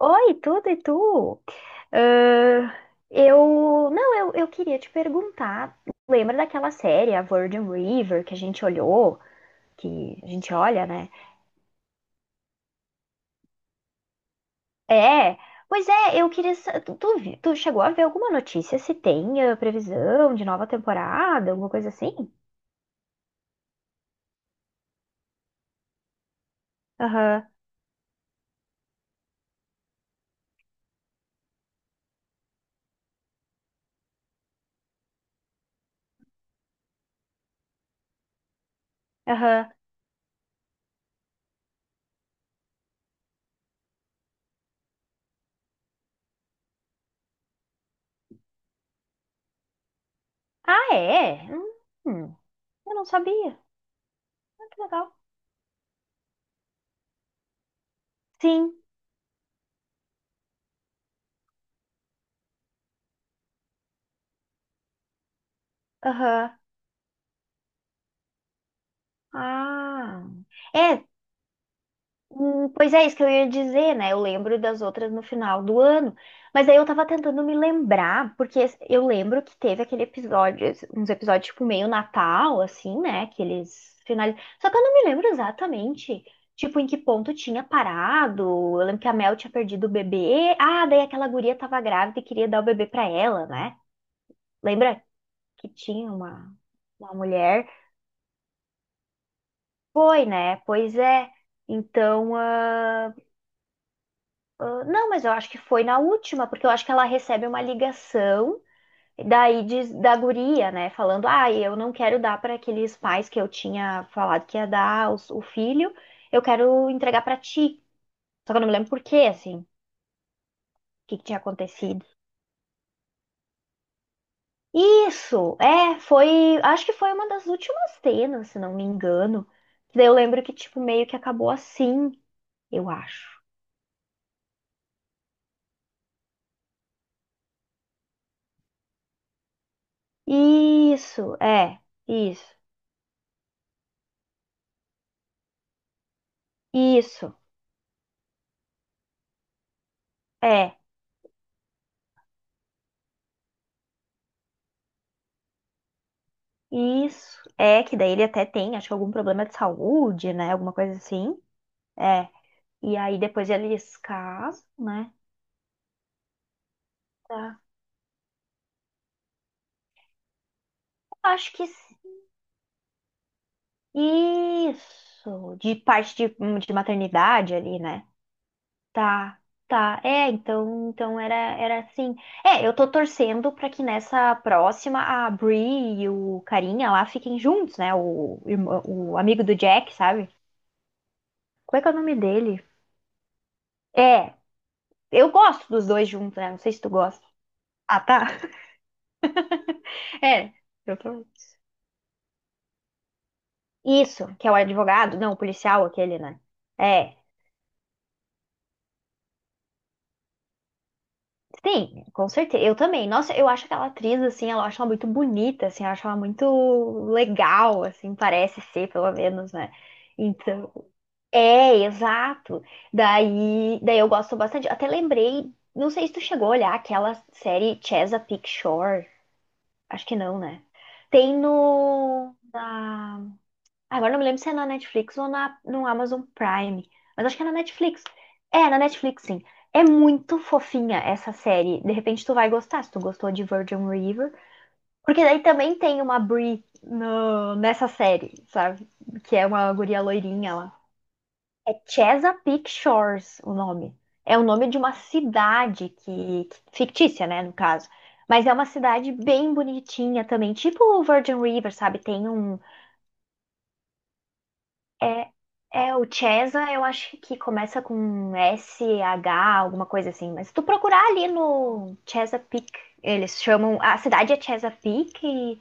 Oi, tudo e tu? Ah, eu. Não, eu queria te perguntar. Lembra daquela série, a Virgin River, que a gente olhou? Que a gente olha, né? É. Pois é, eu queria. Sa- Tu, tu, vi- tu chegou a ver alguma notícia se tem previsão de nova temporada, alguma coisa assim? Aham, aham. Ah, é? Hum, eu não sabia. Ah, que legal. Sim, aham. Ah. É, hum, pois é, isso que eu ia dizer, né? Eu lembro das outras no final do ano. Mas aí eu tava tentando me lembrar, porque eu lembro que teve aquele episódio, uns episódios tipo meio Natal, assim, né? Que eles finalizam. Só que eu não me lembro exatamente, tipo, em que ponto tinha parado. Eu lembro que a Mel tinha perdido o bebê. Ah, daí aquela guria tava grávida e queria dar o bebê pra ela, né? Lembra que tinha uma mulher? Foi, né? Pois é. Então, ah. Ah, não, mas eu acho que foi na última, porque eu acho que ela recebe uma ligação daí da guria, né? Falando, ah, eu não quero dar para aqueles pais que eu tinha falado que ia dar o filho, eu quero entregar para ti. Só que eu não me lembro por quê, assim, o que tinha acontecido. Isso, é, foi, acho que foi uma das últimas cenas, se não me engano. Que daí eu lembro que, tipo, meio que acabou assim, eu acho. Isso, é, isso, isso, é. Isso. É, que daí ele até tem, acho que algum problema de saúde, né? Alguma coisa assim. É. E aí depois eles casam, né? Tá. Acho que s- isso. De parte de maternidade ali, né? Tá. Tá. É, então, era assim. É, eu tô torcendo pra que nessa próxima a Bree e o carinha lá fiquem juntos, né? O, o amigo do Jack, sabe? Qual é que é o nome dele? É, eu gosto dos dois juntos, né? Não sei se tu gosta. Ah, tá. É, eu tô. Isso, que é o advogado, não, o policial aquele, né? É, sim, com certeza. Eu também. Nossa, eu acho aquela atriz, assim, ela eu acho ela muito bonita, assim, eu acho ela muito legal, assim, parece ser, pelo menos, né? Então, é, exato. Daí eu gosto bastante. Até lembrei, não sei se tu chegou a olhar aquela série Chesapeake Shore. Acho que não, né? Tem no, na- Agora não me lembro se é na Netflix ou no Amazon Prime, mas acho que é na Netflix. É, na Netflix, sim. É muito fofinha essa série. De repente tu vai gostar, se tu gostou de Virgin River. Porque daí também tem uma Brie nessa série, sabe? Que é uma guria loirinha lá. É Chesapeake Shores o nome. É o nome de uma cidade que... Fictícia, né, no caso. Mas é uma cidade bem bonitinha também. Tipo o Virgin River, sabe? Tem um. É, é o Chesa, eu acho que começa com S-H alguma coisa assim. Mas se tu procurar ali no Chesapeake, eles chamam. A cidade é Chesapeake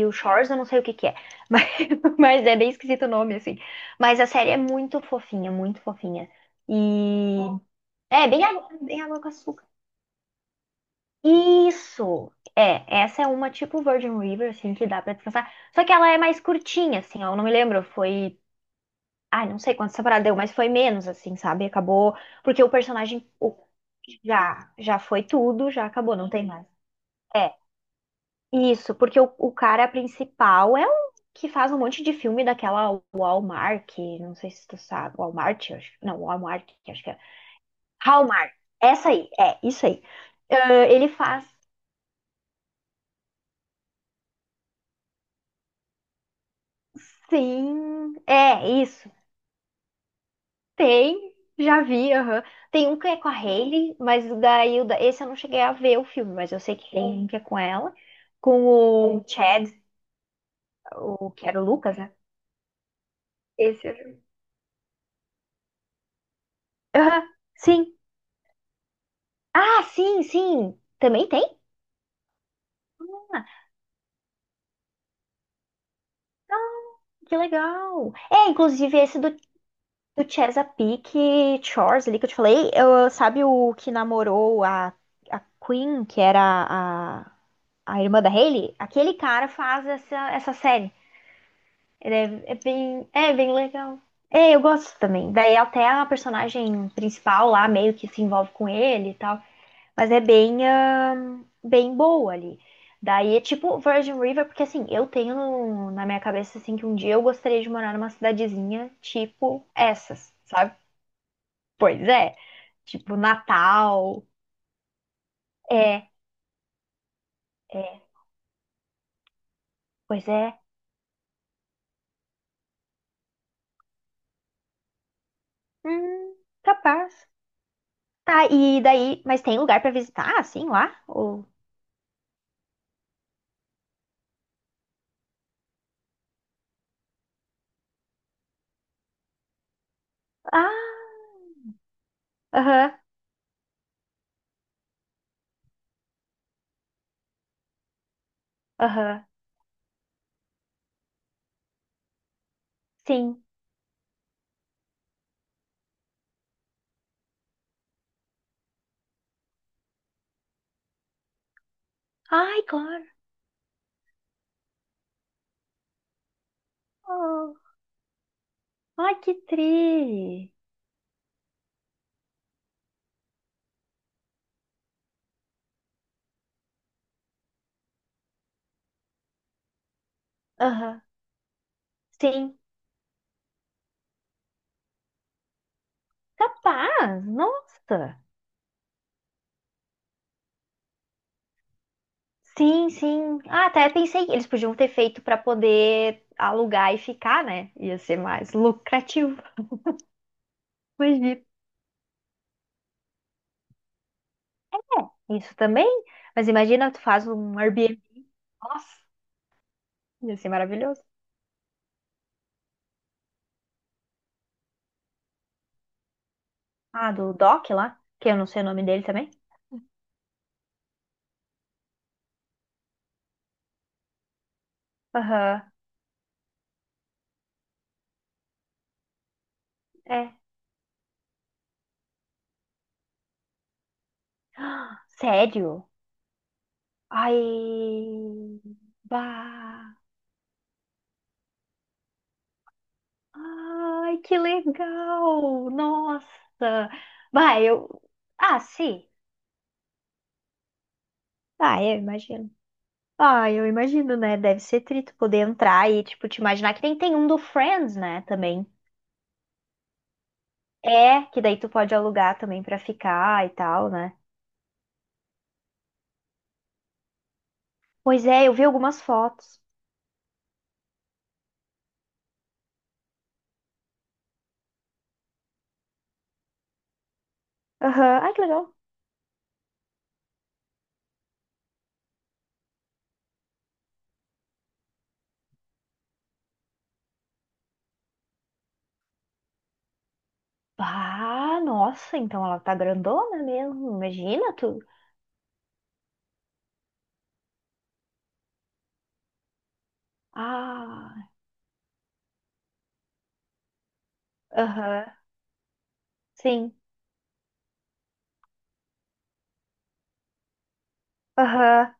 e o Shores, eu não sei o que é. Mas, mas é bem esquisito o nome, assim. Mas a série é muito fofinha, muito fofinha. E. É, bem água com açúcar. Isso! É, essa é uma tipo Virgin River, assim, que dá pra descansar. Só que ela é mais curtinha, assim, ó. Eu não me lembro, foi. Ai, não sei quantas temporadas deu, mas foi menos, assim, sabe? Acabou. Porque o personagem o- Já, já foi tudo, já acabou, não tem mais. É, isso, porque o cara principal é um que faz um monte de filme daquela Walmart, não sei se tu sabe. Walmart, eu acho. Não, Walmart, que acho que é. Hallmark. Essa aí, é, isso aí. Ah, ele faz. Sim, é isso. Tem, já vi, aham. Tem um que é com a Hailey, mas o da Hilda, esse eu não cheguei a ver o filme, mas eu sei que tem um que é com ela, com o Chad, o que era o Lucas, né? Esse eu já vi. Aham, sim. Ah, sim, sim. Também tem? Ah, que legal. É, inclusive esse do, do Chesapeake Shores ali que eu te falei, eu, sabe o que namorou a Queen, que era a, a irmã da Hailey? Aquele cara faz essa, essa série. Ele é, é bem legal. É, eu gosto também. Daí até a personagem principal lá meio que se envolve com ele e tal, mas é bem, bem boa ali. Daí é tipo Virgin River, porque assim, eu tenho na minha cabeça assim que um dia eu gostaria de morar numa cidadezinha tipo essas, sabe? Pois é, tipo Natal. É, é, pois é. Hum, capaz. Tá, e daí, mas tem lugar pra visitar assim lá? Ou... Ah, aham. Aham. Sim. Ai, claro. Oh, ai, que tri. Aham. Sim. Capaz. Nossa. Sim, sim. Ah, até pensei que eles podiam ter feito para poder alugar e ficar, né? Ia ser mais lucrativo. Imagina. Isso também. Mas imagina, tu faz um Airbnb. Nossa, ia ser maravilhoso. Ah, do Doc lá, que eu não sei o nome dele também. Aham, é. Ah, sério? Ai, bah. Ai, que legal! Nossa! Vai, eu. Ah, sim. Ah, eu imagino. Ah, eu imagino, né? Deve ser trito poder entrar e, tipo, te imaginar que nem tem um do Friends, né? Também. É, que daí tu pode alugar também pra ficar e tal, né? Pois é, eu vi algumas fotos. Aham, ai, que legal. Ah, nossa, então ela tá grandona mesmo. Imagina tu. Ah, aham, sim. Aham.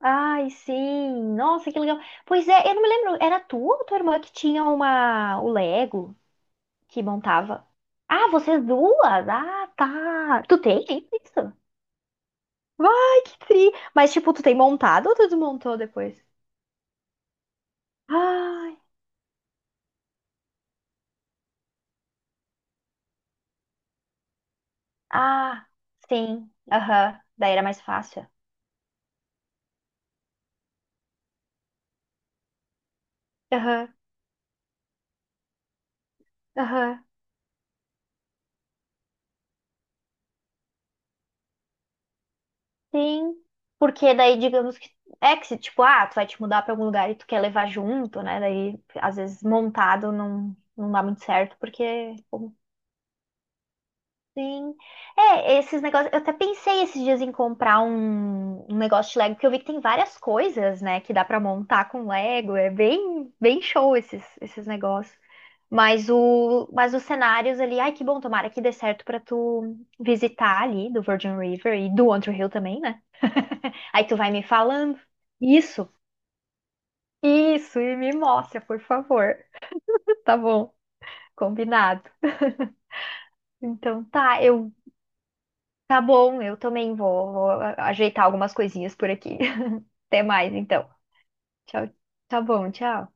Ai, sim. Nossa, que legal. Pois é, eu não me lembro. Era tu ou tua irmã que tinha uma... o Lego que montava? Ah, vocês duas? Ah, tá. Tu tem isso? Vai, que tri. Mas, tipo, tu tem montado ou tu desmontou depois? Ai. Ah, sim. Aham. Daí era mais fácil. Aham. Aham. Sim, porque daí, digamos que é que se, tipo, ah, tu vai te mudar pra algum lugar e tu quer levar junto, né? Daí, às vezes, montado não, não dá muito certo, porque, como sim. É, esses negócios. Eu até pensei esses dias em comprar um negócio de Lego, porque eu vi que tem várias coisas, né, que dá pra montar com Lego. É bem, bem show esses, esses negócios. Mas mas os cenários ali, ai, que bom, tomara que dê certo pra tu visitar ali do Virgin River e do Outro Hill também, né? Aí tu vai me falando. Isso, isso, e me mostra, por favor. Tá bom, combinado. Então tá, eu. Tá bom, eu também vou ajeitar algumas coisinhas por aqui. Até mais, então. Tchau. Tá bom, tchau.